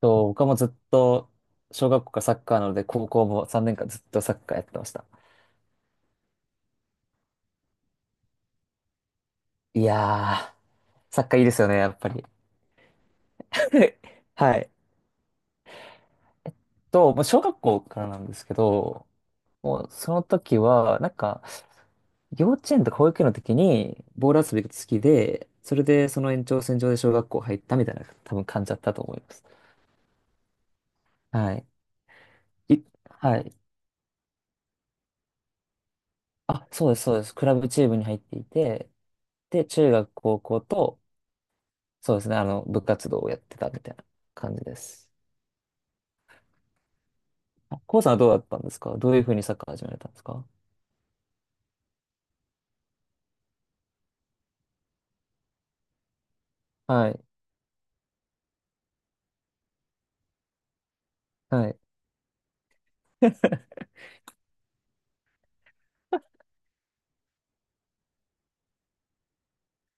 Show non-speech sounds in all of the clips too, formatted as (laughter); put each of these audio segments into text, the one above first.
そう、僕はもうずっと、小学校からサッカーなので、高校も3年間ずっとサッカーやってました。いやー、サッカーいいですよね、やっぱり。(laughs) はい。もう小学校からなんですけど、もうその時は、なんか、幼稚園とか保育園の時に、ボール遊びが好きで、それでその延長線上で小学校入ったみたいな、多分感じだったと思います。はい。い、はい。あ、そうです、そうです。クラブチームに入っていて、で、中学、高校と、そうですね。部活動をやってたみたいな感じです。あ、コウさんはどうだったんですか？どういうふうにサッカー始められたんですか？はい。はい。(laughs)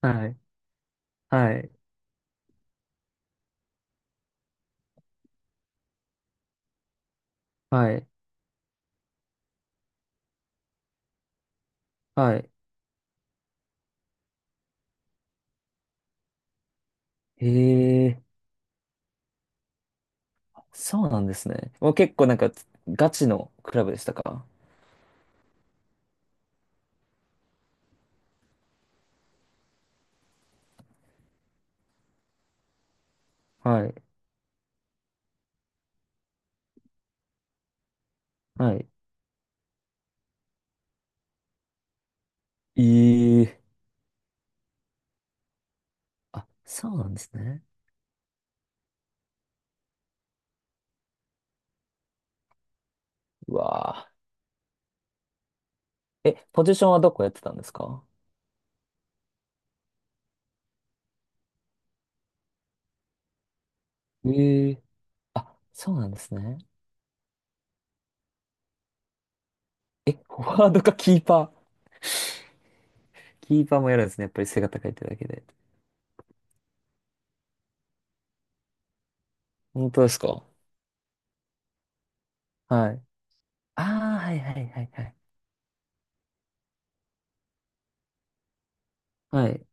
はい。はい。はい。はい。へえ。そうなんですね。もう結構なんか、ガチのクラブでしたか？はい。はい。ええ。あ、そうなんですね。うわー。え、ポジションはどこやってたんですか？ええ。あ、そうなんですね。え、フォワードかキーパー。キーパーもやるんですね。やっぱり背が高いってだけで。本当ですか？はい。ああ、はいはいはいはい。はい。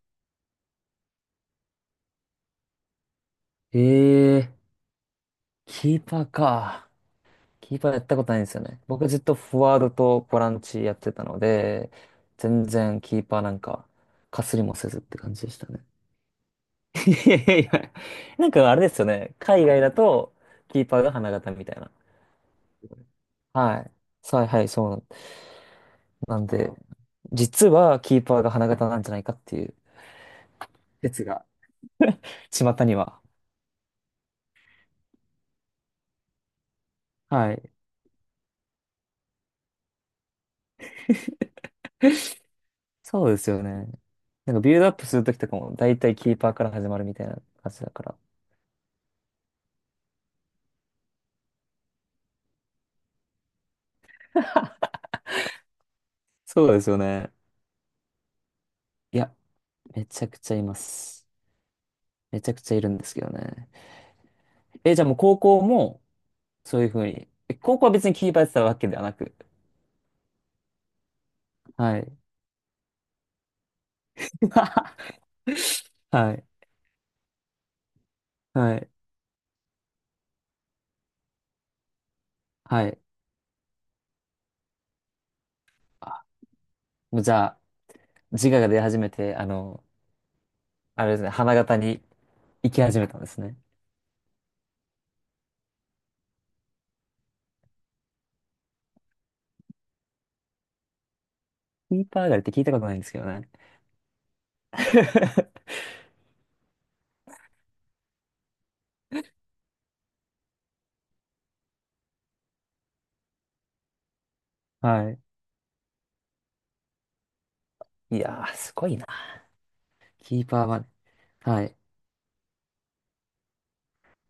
ええ。キーパーか。キーパーやったことないんですよね。僕ずっとフォワードとボランチやってたので、全然キーパーなんか、かすりもせずって感じでしたね。(laughs) いやいやいや。なんかあれですよね。海外だと、キーパーが花形みたいな。はい。さあ、はい、なんで、実はキーパーが花形なんじゃないかっていう説が、巷には。はい。そうですよね。なんかビルドアップするときとかも、だいたいキーパーから始まるみたいな感じだから。そうですよね。いや、めちゃくちゃいます。めちゃくちゃいるんですけどね。え、じゃあもう高校も、そういうふうに。高校は別にキーパーやってたわけではなく。はい。(laughs) はい。はい。はい。あ、もうじゃあ、自我が出始めて、あれですね、花形に行き始めたんですね。キーパー上がりって聞いたことないんですけどね。(laughs) はい。いやー、すごいな。キーパーはね。はい。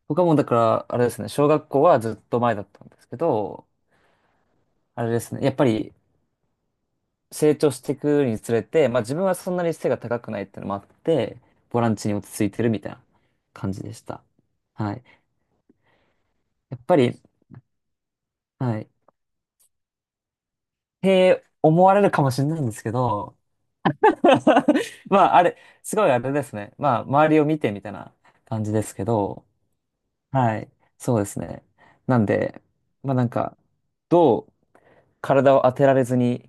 僕はもうだから、あれですね、小学校はずっと前だったんですけど、あれですね、やっぱり成長していくにつれて、まあ自分はそんなに背が高くないっていうのもあって、ボランチに落ち着いてるみたいな感じでした。はい。やっぱり、はい。へー思われるかもしれないんですけど、(laughs) まああれ、すごいあれですね。まあ周りを見てみたいな感じですけど、はい。そうですね。なんで、まあなんか、どう体を当てられずに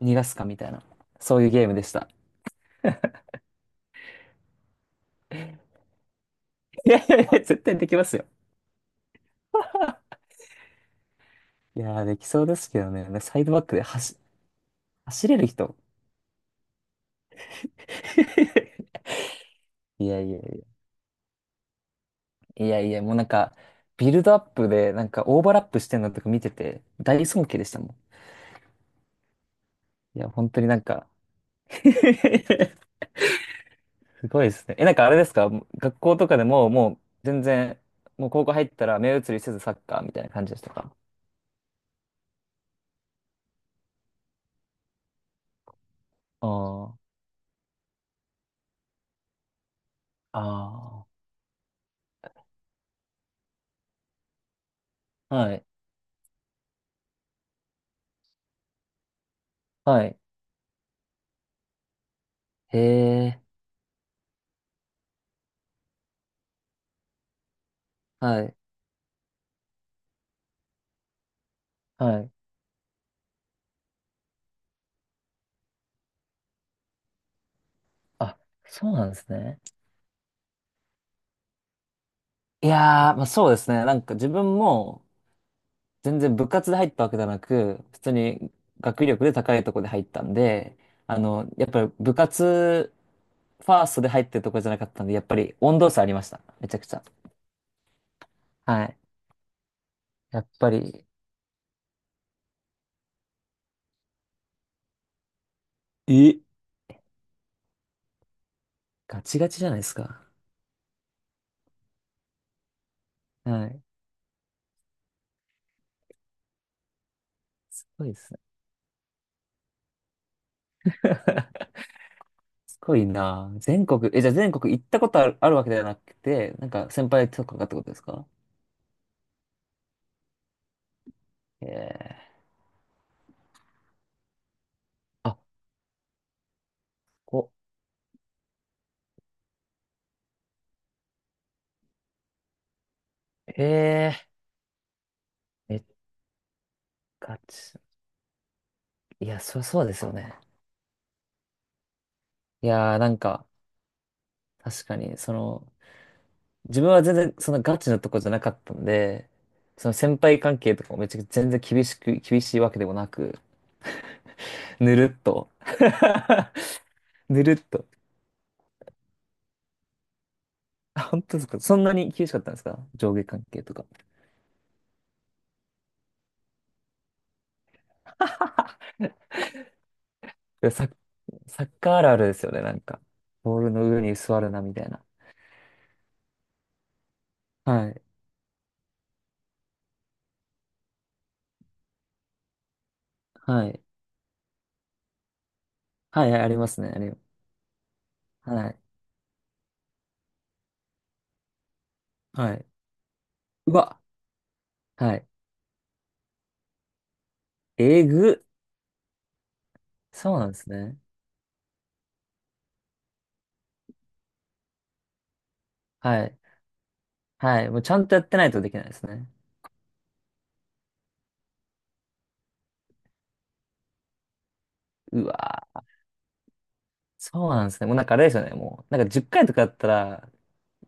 逃がすかみたいな、そういうゲームでした。(laughs) いやいやいや、絶対できますよ。(laughs) いやー、できそうですけどね。サイドバックで走れる人。(laughs) いやいやいや。いやいや、もうなんか、ビルドアップで、なんかオーバーラップしてんのとか見てて、大尊敬でしたもん。いや、本当になんか (laughs) すごいですね。え、なんかあれですか？学校とかでも、もう全然、もう高校入ったら目移りせずサッカーみたいな感じでしたか？ああー、ああ、はい、はい、へえ、はい、はい。あ、そうなんですね。いやー、まあ、そうですね。なんか自分も全然部活で入ったわけじゃなく、普通に学力で高いとこで入ったんで、やっぱり部活ファーストで入ってるとこじゃなかったんで、やっぱり温度差ありました。めちゃくちゃ。はい。やっぱり、えガチガチじゃないですか。はい。すごいですね。(laughs) すごいなあ。全国、じゃあ全国行ったことある、あるわけではなくて、なんか先輩とかがってことですか？ええー。あ、こ、へえ、めっかち、いや、そうですよね。いやー、なんか、確かに、その、自分は全然、そのガチのとこじゃなかったんで、その先輩関係とかもめちゃくちゃ全然厳しく、厳しいわけでもなく、ぬるっと。(laughs) ぬるっと。あ、本当ですか？そんなに厳しかったんですか？上下関係とか。(laughs) いや、サッカーあるあるですよね、なんか。ボールの上に座るな、みたいな。はい。はい。はい、はいありますね。はい。はい。うわ。はい。えぐ。そうなんですね。はい。はい。もうちゃんとやってないとできないですね。うわー。そうなんですね。もうなんかあれですよね。もう、なんか10回とかやったら、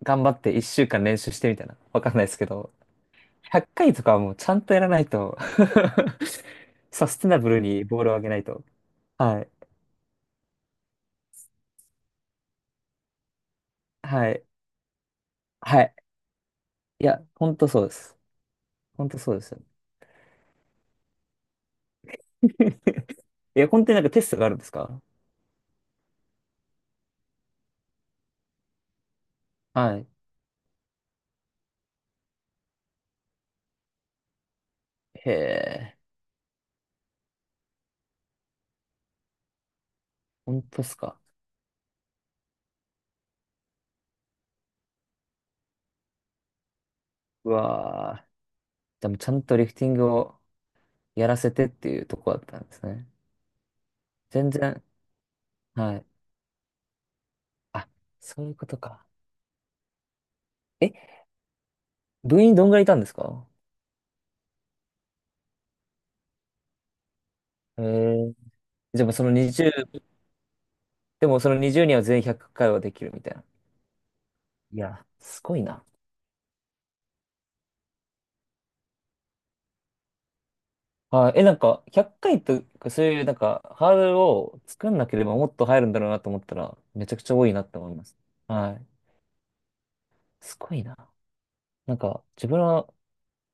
頑張って1週間練習してみたいな。わかんないですけど、100回とかはもうちゃんとやらないと (laughs) サステナブルにボールを上げないと。はい。はい。はい。いや、ほんとそうです。ほんとそうですよ。(laughs) いや、本当になんかテストがあるんですか？はい。へえ、ほんとっすか。うわー。じゃもうちゃんとリフティングをやらせてっていうとこだったんですね。全然、はい。あ、そういうことか。え、部員どんぐらいいたんですか？へえ。でもその20、でもその20にんは全員100回はできるみたいな。いや、すごいな。はい。え、なんか、100回とか、そういう、なんか、ハードルを作んなければもっと入るんだろうなと思ったら、めちゃくちゃ多いなって思います。はい。すごいな。なんか、自分は、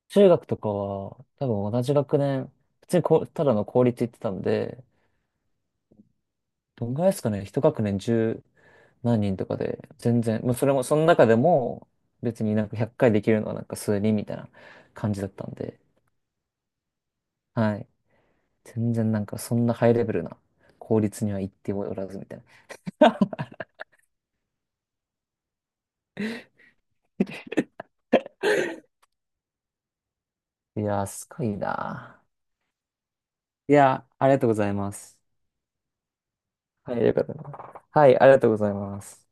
中学とかは、多分同じ学年、普通にこう、ただの公立行ってたんで、どんぐらいですかね、一学年十何人とかで、全然、まあ、それも、その中でも、別になんか100回できるのはなんか数人みたいな感じだったんで、はい。全然なんかそんなハイレベルな効率には行っておらずみたいな。(laughs) いやー、すごいなー。いやー、ありがとうございます。はい、よかったです。はい、ありがとうございます。